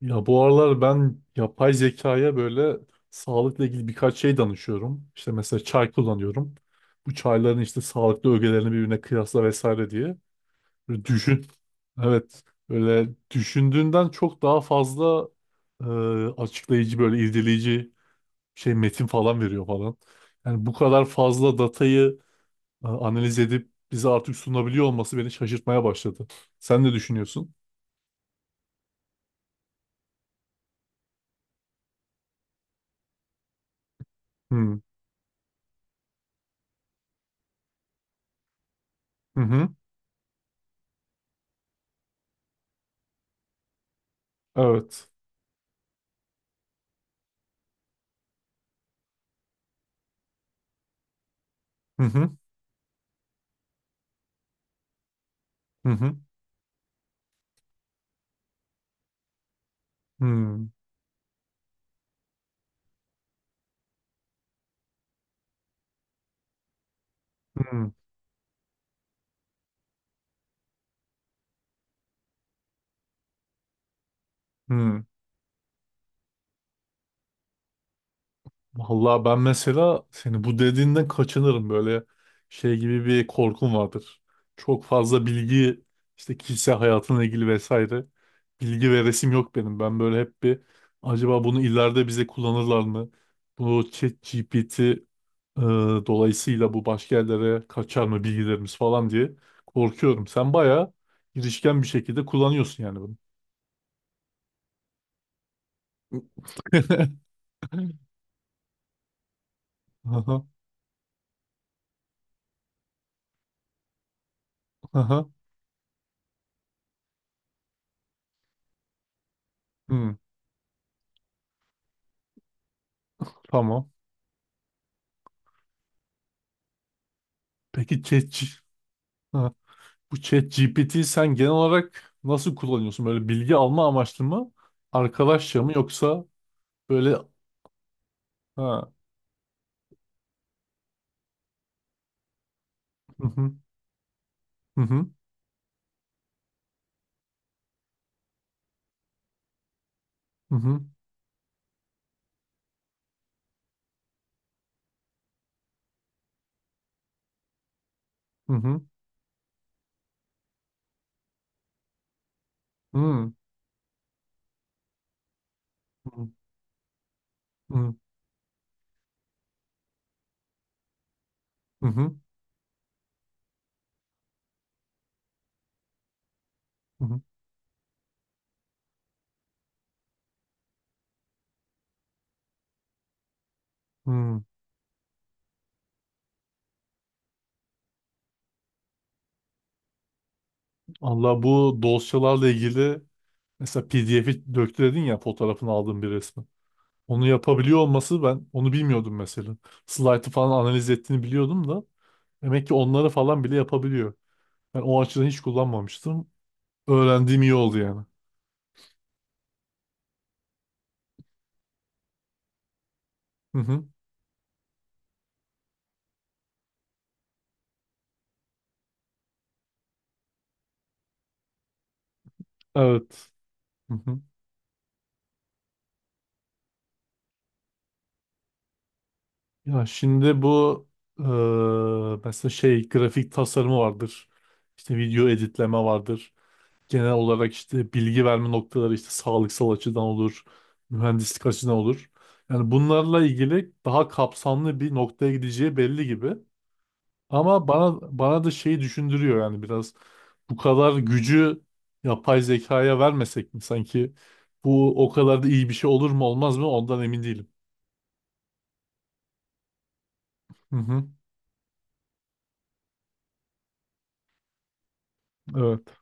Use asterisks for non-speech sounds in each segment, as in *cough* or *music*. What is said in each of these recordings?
Ya bu aralar ben yapay zekaya böyle sağlıkla ilgili birkaç şey danışıyorum. İşte mesela çay kullanıyorum. Bu çayların işte sağlıklı ögelerini birbirine kıyasla vesaire diye. Böyle düşün. Evet. Böyle düşündüğünden çok daha fazla e, açıklayıcı böyle irdeleyici şey metin falan veriyor falan. Yani bu kadar fazla datayı analiz edip bize artık sunabiliyor olması beni şaşırtmaya başladı. Sen ne düşünüyorsun? Hmm. Hı hı. Evet. Hı hı. Hı hı. Hmm, hmm, hmm. Vallahi ben mesela seni bu dediğinden kaçınırım böyle şey gibi bir korkum vardır. Çok fazla bilgi işte kişisel hayatımla ilgili vesaire bilgi ve resim yok benim. Ben böyle hep bir acaba bunu ileride bize kullanırlar mı? Bu ChatGPT e, dolayısıyla bu başka yerlere kaçar mı bilgilerimiz falan diye korkuyorum. Sen bayağı girişken bir şekilde kullanıyorsun yani bunu. *laughs* Aha, aha. Hmm, tamam. Peki. Ha, bu ChatGPT'yi sen genel olarak nasıl kullanıyorsun? Böyle bilgi alma amaçlı mı? Arkadaşça mı yoksa böyle ha hı hı hı hı hı hı hı hı hı hı hı hı hı hı. Allah bu dosyalarla ilgili mesela PDF'i döktü dedin ya fotoğrafını aldığın bir resmi. Onu yapabiliyor olması ben onu bilmiyordum mesela. Slide'ı falan analiz ettiğini biliyordum da demek ki onları falan bile yapabiliyor. Ben o açıdan hiç kullanmamıştım. Öğrendiğim iyi oldu yani. Hı hı. Evet. Hı hı. Ya şimdi bu mesela şey grafik tasarımı vardır. İşte video editleme vardır. Genel olarak işte bilgi verme noktaları işte sağlıksal açıdan olur, mühendislik açıdan olur. Yani bunlarla ilgili daha kapsamlı bir noktaya gideceği belli gibi. Ama bana da şeyi düşündürüyor yani biraz bu kadar gücü yapay zekaya vermesek mi sanki bu o kadar da iyi bir şey olur mu olmaz mı ondan emin değilim. Hı hı. Evet.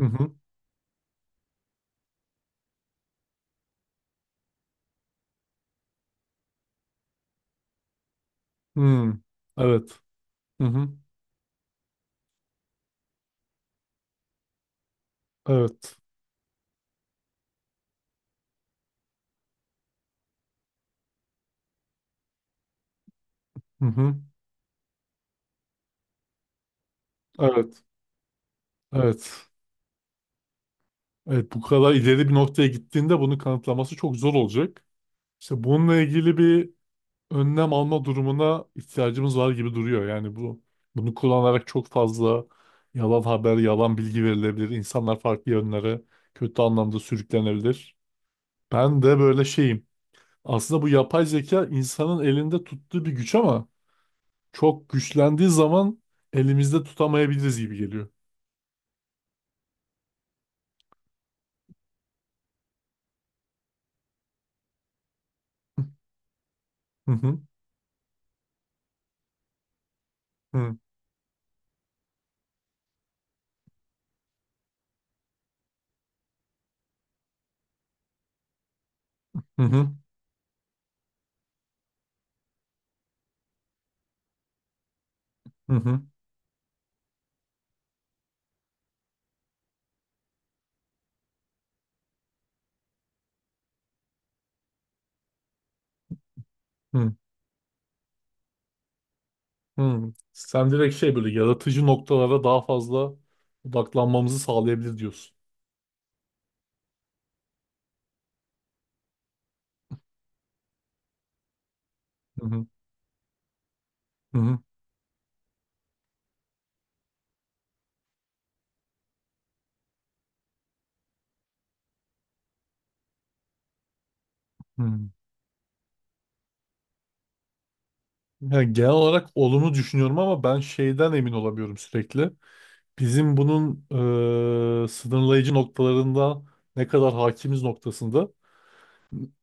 Hı hı. Hı. Evet. Hı hı. Evet. Hı hı. Evet. Evet. Evet bu kadar ileri bir noktaya gittiğinde bunu kanıtlaması çok zor olacak. İşte bununla ilgili bir önlem alma durumuna ihtiyacımız var gibi duruyor. Yani bu bunu kullanarak çok fazla yalan haber, yalan bilgi verilebilir. İnsanlar farklı yönlere kötü anlamda sürüklenebilir. Ben de böyle şeyim. Aslında bu yapay zeka insanın elinde tuttuğu bir güç ama çok güçlendiği zaman elimizde tutamayabiliriz gibi geliyor. Hı hı, hı, hı hı, hı hı, hı. Sen direkt şey böyle yaratıcı noktalara daha fazla odaklanmamızı sağlayabilir diyorsun. Hı hı, hı hı, hı. Ya genel olarak olumlu düşünüyorum ama ben şeyden emin olamıyorum sürekli. Bizim bunun sınırlayıcı noktalarında ne kadar hakimiz noktasında.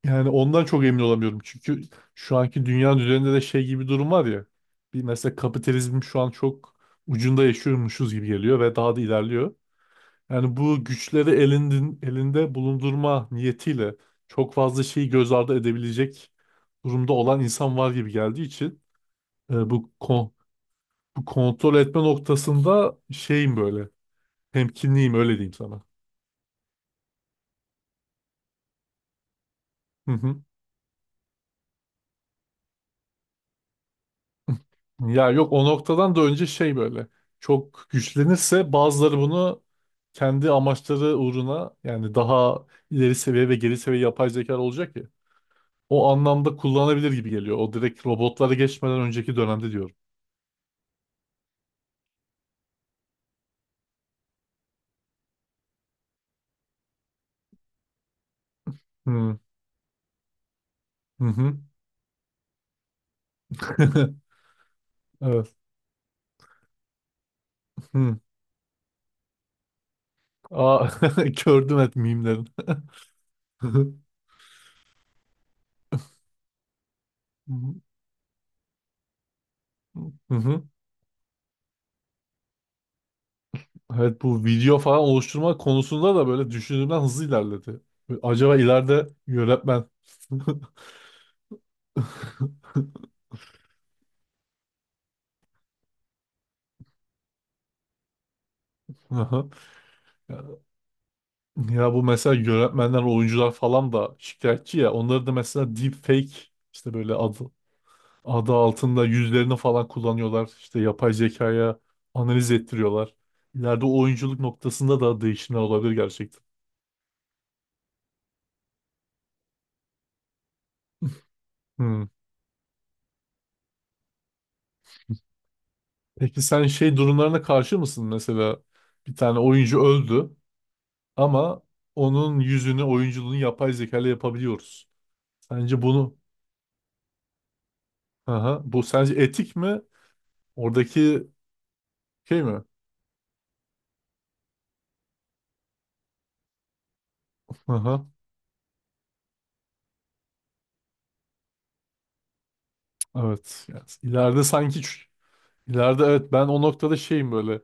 Yani ondan çok emin olamıyorum. Çünkü şu anki dünya üzerinde de şey gibi bir durum var ya. Bir mesela kapitalizm şu an çok ucunda yaşıyormuşuz gibi geliyor ve daha da ilerliyor. Yani bu güçleri elindin, elinde bulundurma niyetiyle çok fazla şeyi göz ardı edebilecek durumda olan insan var gibi geldiği için e, bu kon- bu kontrol etme noktasında şeyim böyle. Temkinliyim öyle diyeyim sana. Hı hı. Ya yok o noktadan da önce şey böyle. Çok güçlenirse bazıları bunu kendi amaçları uğruna yani daha ileri seviye ve geri seviye yapay zeka olacak ya. O anlamda kullanabilir gibi geliyor. O direkt robotlara geçmeden önceki dönemde diyorum. Hı hı. Hı. *laughs* Evet. Hı. Aa, *laughs* gördüm et mimlerin. *laughs* Hı hı. Hı hı. Evet bu video falan oluşturma konusunda da böyle düşündüğümden hızlı ilerledi. Acaba ileride yönetmen *laughs* Aha. Ya ya bu mesela yönetmenler, oyuncular falan da şikayetçi ya. Onları da mesela deepfake işte böyle adı altında yüzlerini falan kullanıyorlar. İşte yapay zekaya analiz ettiriyorlar. İleride oyunculuk noktasında da değişimler olabilir gerçekten. Hmm. Peki sen şey durumlarına karşı mısın? Mesela bir tane oyuncu öldü. Ama onun yüzünü, oyunculuğunu yapay zeka ile yapabiliyoruz. Sence bunu, aha, bu sence etik mi? Oradaki şey mi? Aha, evet. Yani ileride sanki ileride evet ben o noktada şeyim böyle.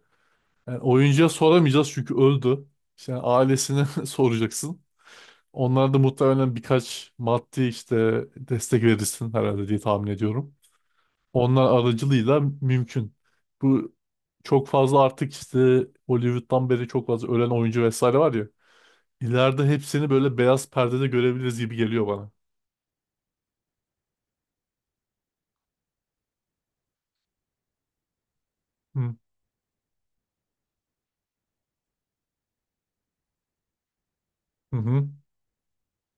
Yani oyuncuya soramayacağız çünkü öldü. İşte yani ailesine *laughs* soracaksın. Onlar da muhtemelen birkaç maddi işte destek verirsin herhalde diye tahmin ediyorum. Onlar aracılığıyla mümkün. Bu çok fazla artık işte Hollywood'dan beri çok fazla ölen oyuncu vesaire var ya. İleride hepsini böyle beyaz perdede görebiliriz gibi geliyor bana. Hı hı hı.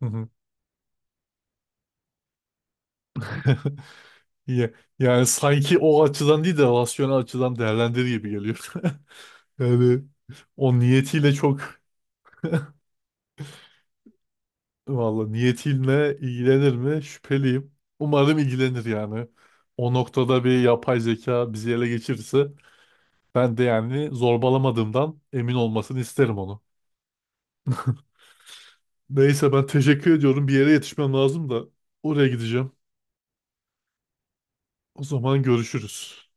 Hı hı. *laughs* Ya- Yani sanki o açıdan değil de rasyonel açıdan değerlendir gibi geliyor. *laughs* Yani o niyetiyle çok valla niyetiyle ilgilenir mi şüpheliyim. Umarım ilgilenir yani. O noktada bir yapay zeka bizi ele geçirirse ben de yani zorbalamadığımdan emin olmasını isterim onu. Neyse ben teşekkür ediyorum. Bir yere yetişmem lazım da oraya gideceğim. O zaman görüşürüz.